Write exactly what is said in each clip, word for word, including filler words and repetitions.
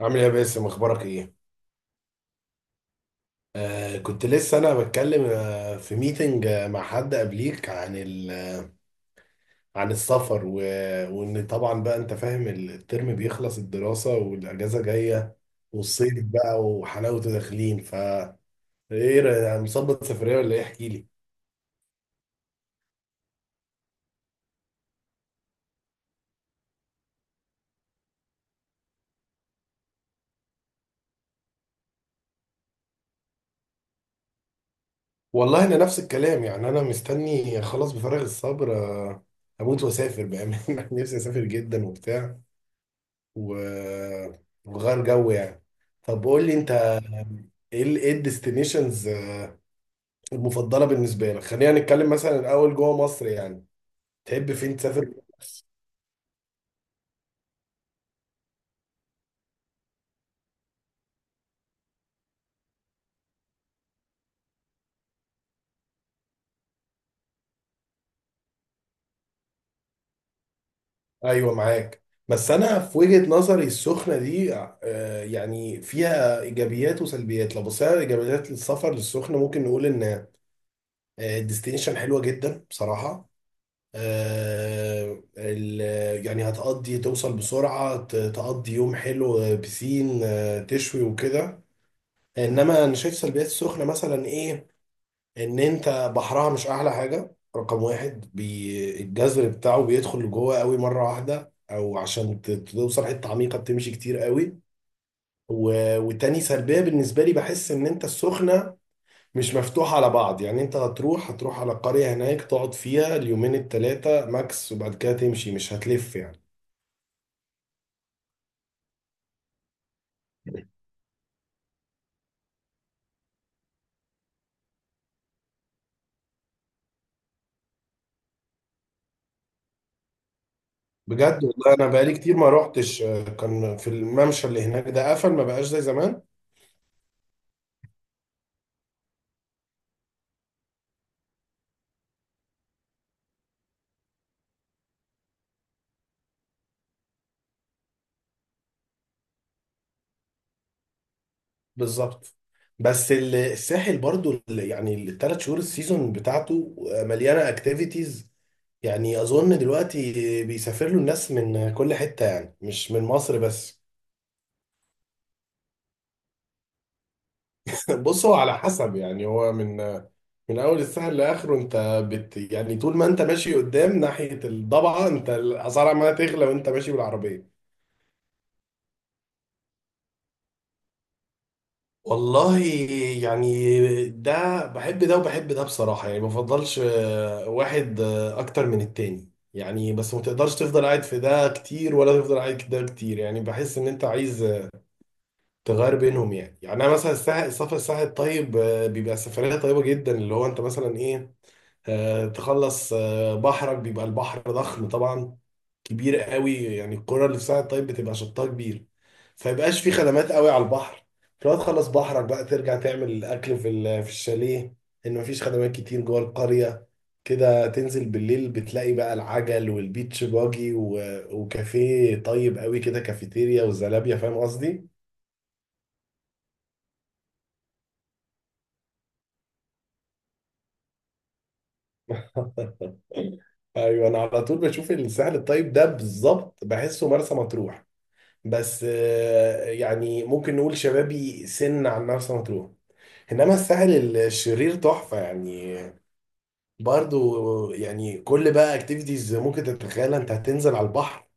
عامل ايه يا باسم اخبارك ايه؟ آه كنت لسه انا بتكلم آه في ميتنج آه مع حد قبليك عن ال عن السفر و... وان طبعا بقى انت فاهم ال- الترم بيخلص الدراسة والاجازة جاية، والصيف بقى وحلاوته داخلين ف ايه رأي- مظبط سفرية ولا ايه، احكي لي. والله انا نفس الكلام، يعني انا مستني خلاص بفارغ الصبر، آه، اموت واسافر بامانه. نفسي اسافر جدا وبتاع و- وغير جو يعني. طب قول لي انت، ايه ال- ايه الديستنيشنز المفضله بالنسبه لك؟ خلينا نتكلم مثلا الاول جوه مصر يعني، تحب فين تسافر؟ ايوه معاك، بس انا في وجهه نظري السخنه دي، آه، يعني فيها ايجابيات وسلبيات. لو بصينا على ايجابيات السفر للسخنه، ممكن نقول ان الديستنيشن حلوه جدا بصراحه. آه، ال- يعني هتقضي، توصل بسرعة، ت- تقضي يوم حلو، آه، بسين، آه، تشوي وكده. انما انا شايف سلبيات السخنة مثلا ايه؟ ان انت بحرها مش احلى حاجة رقم واحد، بي- الجذر بتاعه بيدخل جوه قوي مرة واحدة، او عشان ت- توصل حتة عميقة بتمشي كتير قوي. و- وتاني سلبية بالنسبة لي، بحس ان انت السخنة مش مفتوح على بعض يعني، انت هتروح هتروح على قرية هناك تقعد فيها اليومين التلاتة ماكس، وبعد كده تمشي مش هتلف يعني. بجد والله انا بقالي كتير ما روحتش، آه، كان في الممشى اللي هناك ده قفل، ما بقاش زي زمان. بالظبط. بس ال- الساحل برضو ال- يعني الثلاث شهور السيزون بتاعته، آه، مليانة اكتيفيتيز، يعني اظن دلوقتي بيسافر له الناس من كل حتة، يعني مش من مصر بس. بص، هو على حسب يعني، هو من من اول السهل لاخره انت بت يعني طول ما انت ماشي قدام ناحيه الضبعه، انت الاسعار عماله تغلى وانت ماشي بالعربيه. والله يعني ده بحب ده وبحب ده بصراحه، يعني ما بفضلش آه، واحد آه، اكتر من التاني يعني، بس ما تقدرش تفضل قاعد في ده كتير ولا تفضل قاعد في ده كتير، يعني بحس ان انت عايز تغير بينهم يعني يعني انا مثلا الساحل، السفر الساحل الطيب، آه، بيبقى سفريه طيبه جدا، اللي هو انت مثلا ايه، آه، تخلص آه، بحرك، بيبقى البحر ضخم طبعا، كبير قوي يعني. القرى اللي في ساعة طيب بتبقى شطها كبير، فيبقاش في خدمات قوي على البحر. فلو تخلص بحرك بقى ترجع تعمل الاكل في ال- في الشاليه، ان مفيش خدمات كتير جوه القرية. كده تنزل بالليل بتلاقي بقى العجل والبيتش باجي و- وكافيه طيب قوي كده، كافيتيريا والزلابيا، فاهم قصدي؟ ايوه، انا على طول بشوف الساحل الطيب ده بالظبط بحسه مرسى مطروح. بس آه، يعني ممكن نقول شبابي سن عن مرسى مطروح. انما الساحل الشرير تحفه يعني، برضو يعني كل بقى اكتيفيتيز ممكن تتخيلها، انت هتنزل على البحر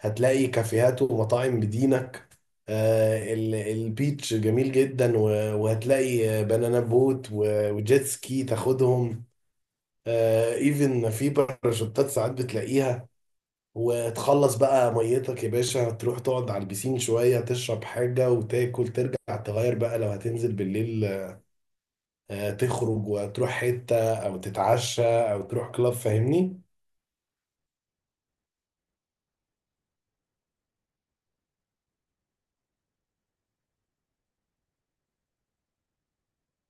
هتلاقي كافيهات ومطاعم بدينك، آه، ال- البيتش جميل جدا، و- وهتلاقي بنانا بوت و- وجيت سكي تاخدهم، ايفن في باراشوتات ساعات بتلاقيها. وتخلص بقى ميتك يا باشا، تروح تقعد على البسين شوية، تشرب حاجة وتاكل، ترجع تغير بقى لو هتنزل بالليل، آه، تخرج وتروح حتة، أو تتعشى، أو تروح كلاب، فاهمني؟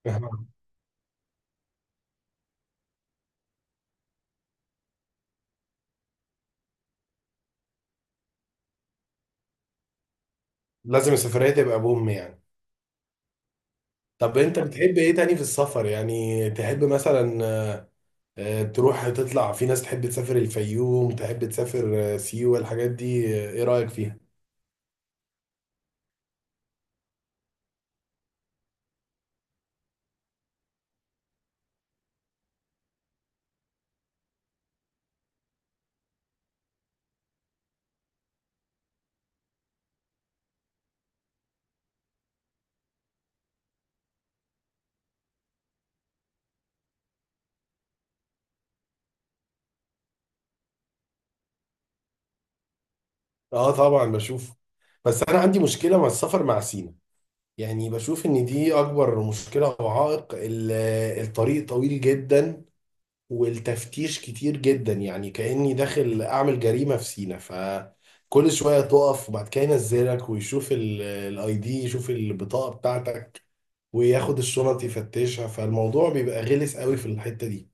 لازم السفرية تبقى بوم يعني. طب أنت بتحب إيه تاني في السفر؟ يعني تحب مثلا آه، تروح تطلع في ناس، تحب تسافر الفيوم، تحب تسافر آه، سيوة، الحاجات دي، آه، إيه رأيك فيها؟ آه طبعا بشوف. بس أنا عندي مشكلة مع السفر مع سينا، يعني بشوف ان دي اكبر مشكلة او عائق. ال- الطريق طويل جدا، والتفتيش كتير جدا، يعني كأني داخل اعمل جريمة في سينا. فكل شوية تقف، وبعد كده ينزلك ويشوف الاي دي، يشوف البطاقة بتاعتك وياخد الشنط يفتشها، فالموضوع بيبقى غلس قوي في الحتة دي.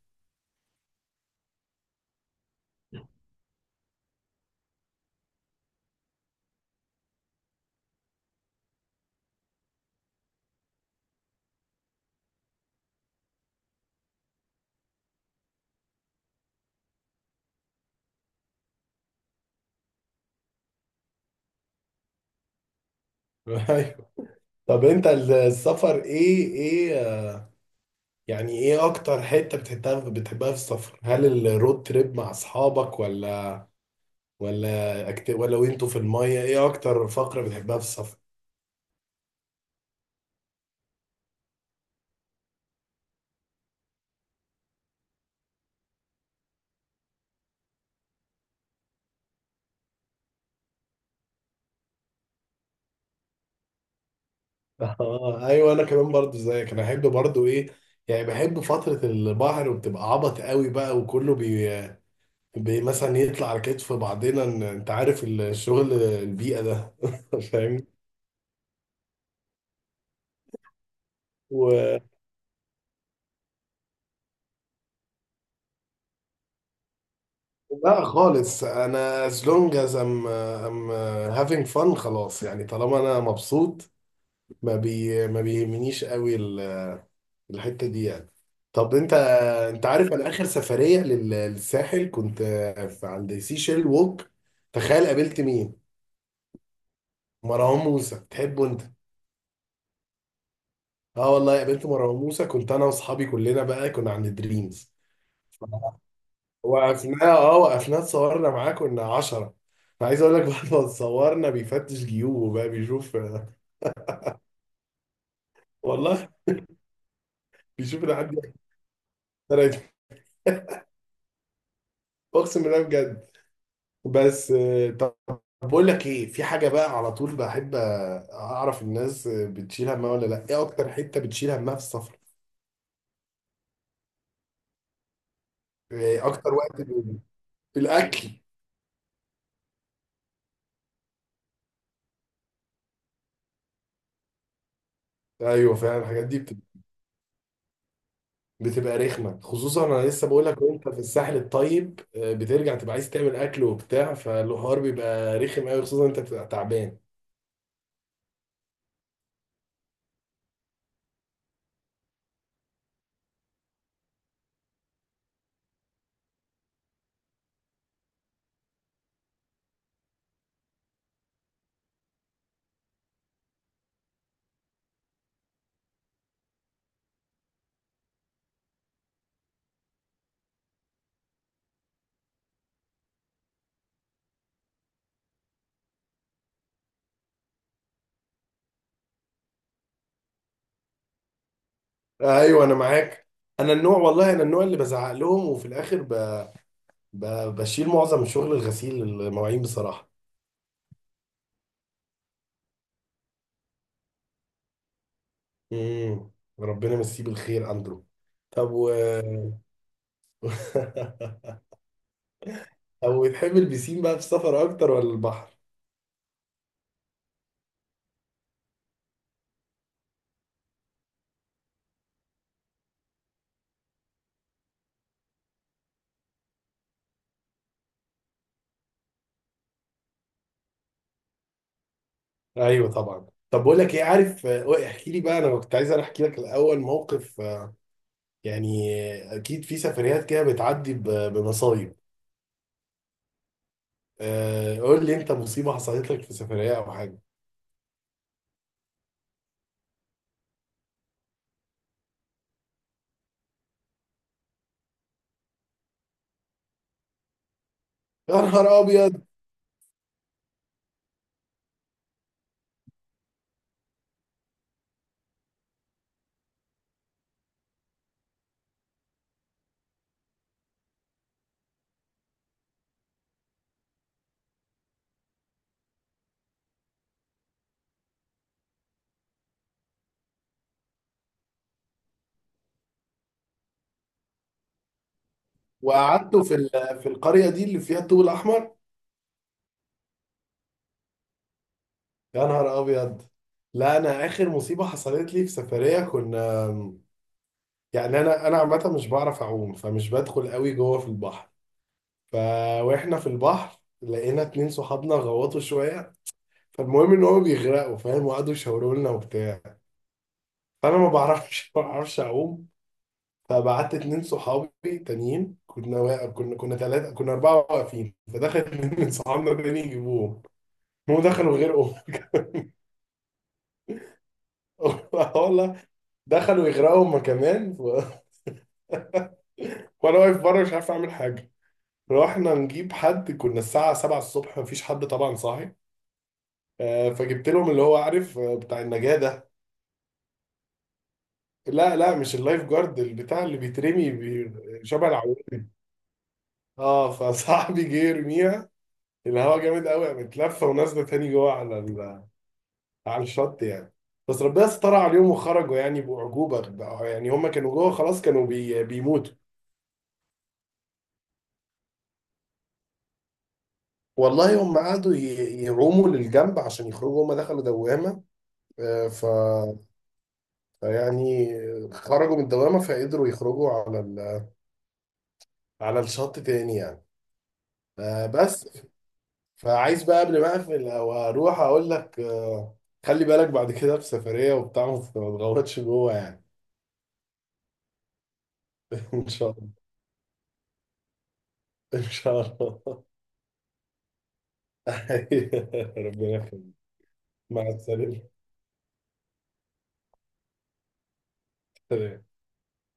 أيوة. طب انت السفر ايه؟ ايه يعني ايه اكتر حتة بتحبها بتحبها في السفر؟ هل الرود تريب مع اصحابك، ولا ولا أكت... ولا وانتوا في المية، ايه اكتر فقرة بتحبها في السفر؟ اه ايوه، انا كمان برضو زيك، انا احب برضو ايه؟ يعني بحب فترة البحر، وبتبقى عبط قوي بقى، وكله بي... بي مثلا يطلع على كتف بعضنا، إن- انت عارف الشغل البيئة ده. فاهم؟ و... لا خالص، انا as long as I'm, I'm having fun، خلاص يعني، طالما انا مبسوط ما بي ما بيهمنيش قوي الحتة دي يعني. طب انت، انت عارف انا اخر سفرية لل- للساحل كنت في عند سيشيل ووك، تخيل قابلت مين؟ مروان موسى، تحبه انت؟ اه والله قابلت مروان موسى. كنت انا واصحابي كلنا بقى كنا عند دريمز، وقفنا اه وقفنا اتصورنا معاه، كنا عشرة. انا عايز اقول لك بعد ما اتصورنا بيفتش جيوبه بقى بيشوف، والله بيشوف العدد طلعت. اقسم بالله بجد. بس آه، طب طب بقول لك ايه، في حاجه بقى على طول بحب آه، اعرف الناس آه، بتشيل همها ولا لا، ايه اكتر حته بتشيل همها في السفر؟ إيه اكتر وقت ب- الاكل؟ ايوه فعلا، الحاجات دي بت- بتبقى رخمه. خصوصا انا لسه بقول لك، وانت في الساحل الطيب، آه، بترجع تبقى عايز تعمل اكل وبتاع، فالحوار بيبقى رخم قوي، خصوصا انت بتبقى تعبان. ايوه انا معاك. انا النوع، والله انا النوع اللي بزعق لهم، وفي الاخر ب... ب... بشيل معظم شغل الغسيل المواعين بصراحه. امم ربنا يمسيه بالخير اندرو. طب و طب، وتحب البسين بقى في السفر اكتر ولا البحر؟ ايوه طبعا. طب بقول لك ايه، عارف، آه، احكي لي بقى. انا كنت عايز انا احكي لك الاول موقف، آه، يعني آه، اكيد في سفريات كده بتعدي ب- بمصايب، آه، قول لي انت مصيبه حصلت لك في سفريه او حاجه. يا نهار ابيض. وقعدتوا في ال- في القريه دي اللي فيها الطوب الاحمر؟ يا نهار ابيض. لا انا اخر مصيبه حصلت لي في سفريه، كنا، يعني انا انا عامه مش بعرف اعوم، فمش بدخل قوي جوه في البحر. ف واحنا في البحر لقينا اتنين صحابنا غوطوا شويه، فالمهم ان هم بيغرقوا فاهم، وقعدوا يشاوروا لنا وبتاع. فانا ما بعرفش، ما بعرفش اعوم. فبعت اتنين صحابي تانيين، كنا واقف، كنا كنا ثلاثه، كنا اربعه واقفين، فدخل اتنين من صحابنا تاني يجيبوهم. هم دخلوا غرقوا. والله، دخلوا يغرقوا هما كمان. و... وانا واقف بره مش عارف اعمل حاجه. رحنا نجيب حد، كنا الساعة سبعة الصبح مفيش حد طبعا صاحي. آه، فجبت لهم اللي هو عارف، آه، بتاع النجاة ده. لا لا، مش اللايف جارد، البتاع اللي بيترمي، بي- شبه العوامل. اه فصاحبي جه يرميها، الهوا جامد قوي، قامت لفه ونازله تاني جوه على ال- على الشط يعني. بس ربنا ستر عليهم وخرجوا يعني بأعجوبة بقى- يعني هم كانوا جوه خلاص، كانوا بي... بيموتوا. والله هم قعدوا ي- يعوموا للجنب عشان يخرجوا، هم دخلوا دوامة، آه، ف يعني خرجوا من الدوامة فقدروا يخرجوا على ال- على الشط تاني يعني. آه، بس فعايز بقى قبل ما اقفل او اروح اقول لك، آه، خلي بالك بعد كده في سفرية وبتاع ما تغوطش جوه يعني. ان شاء الله، ان شاء الله. ربنا يخليك. مع السلامة.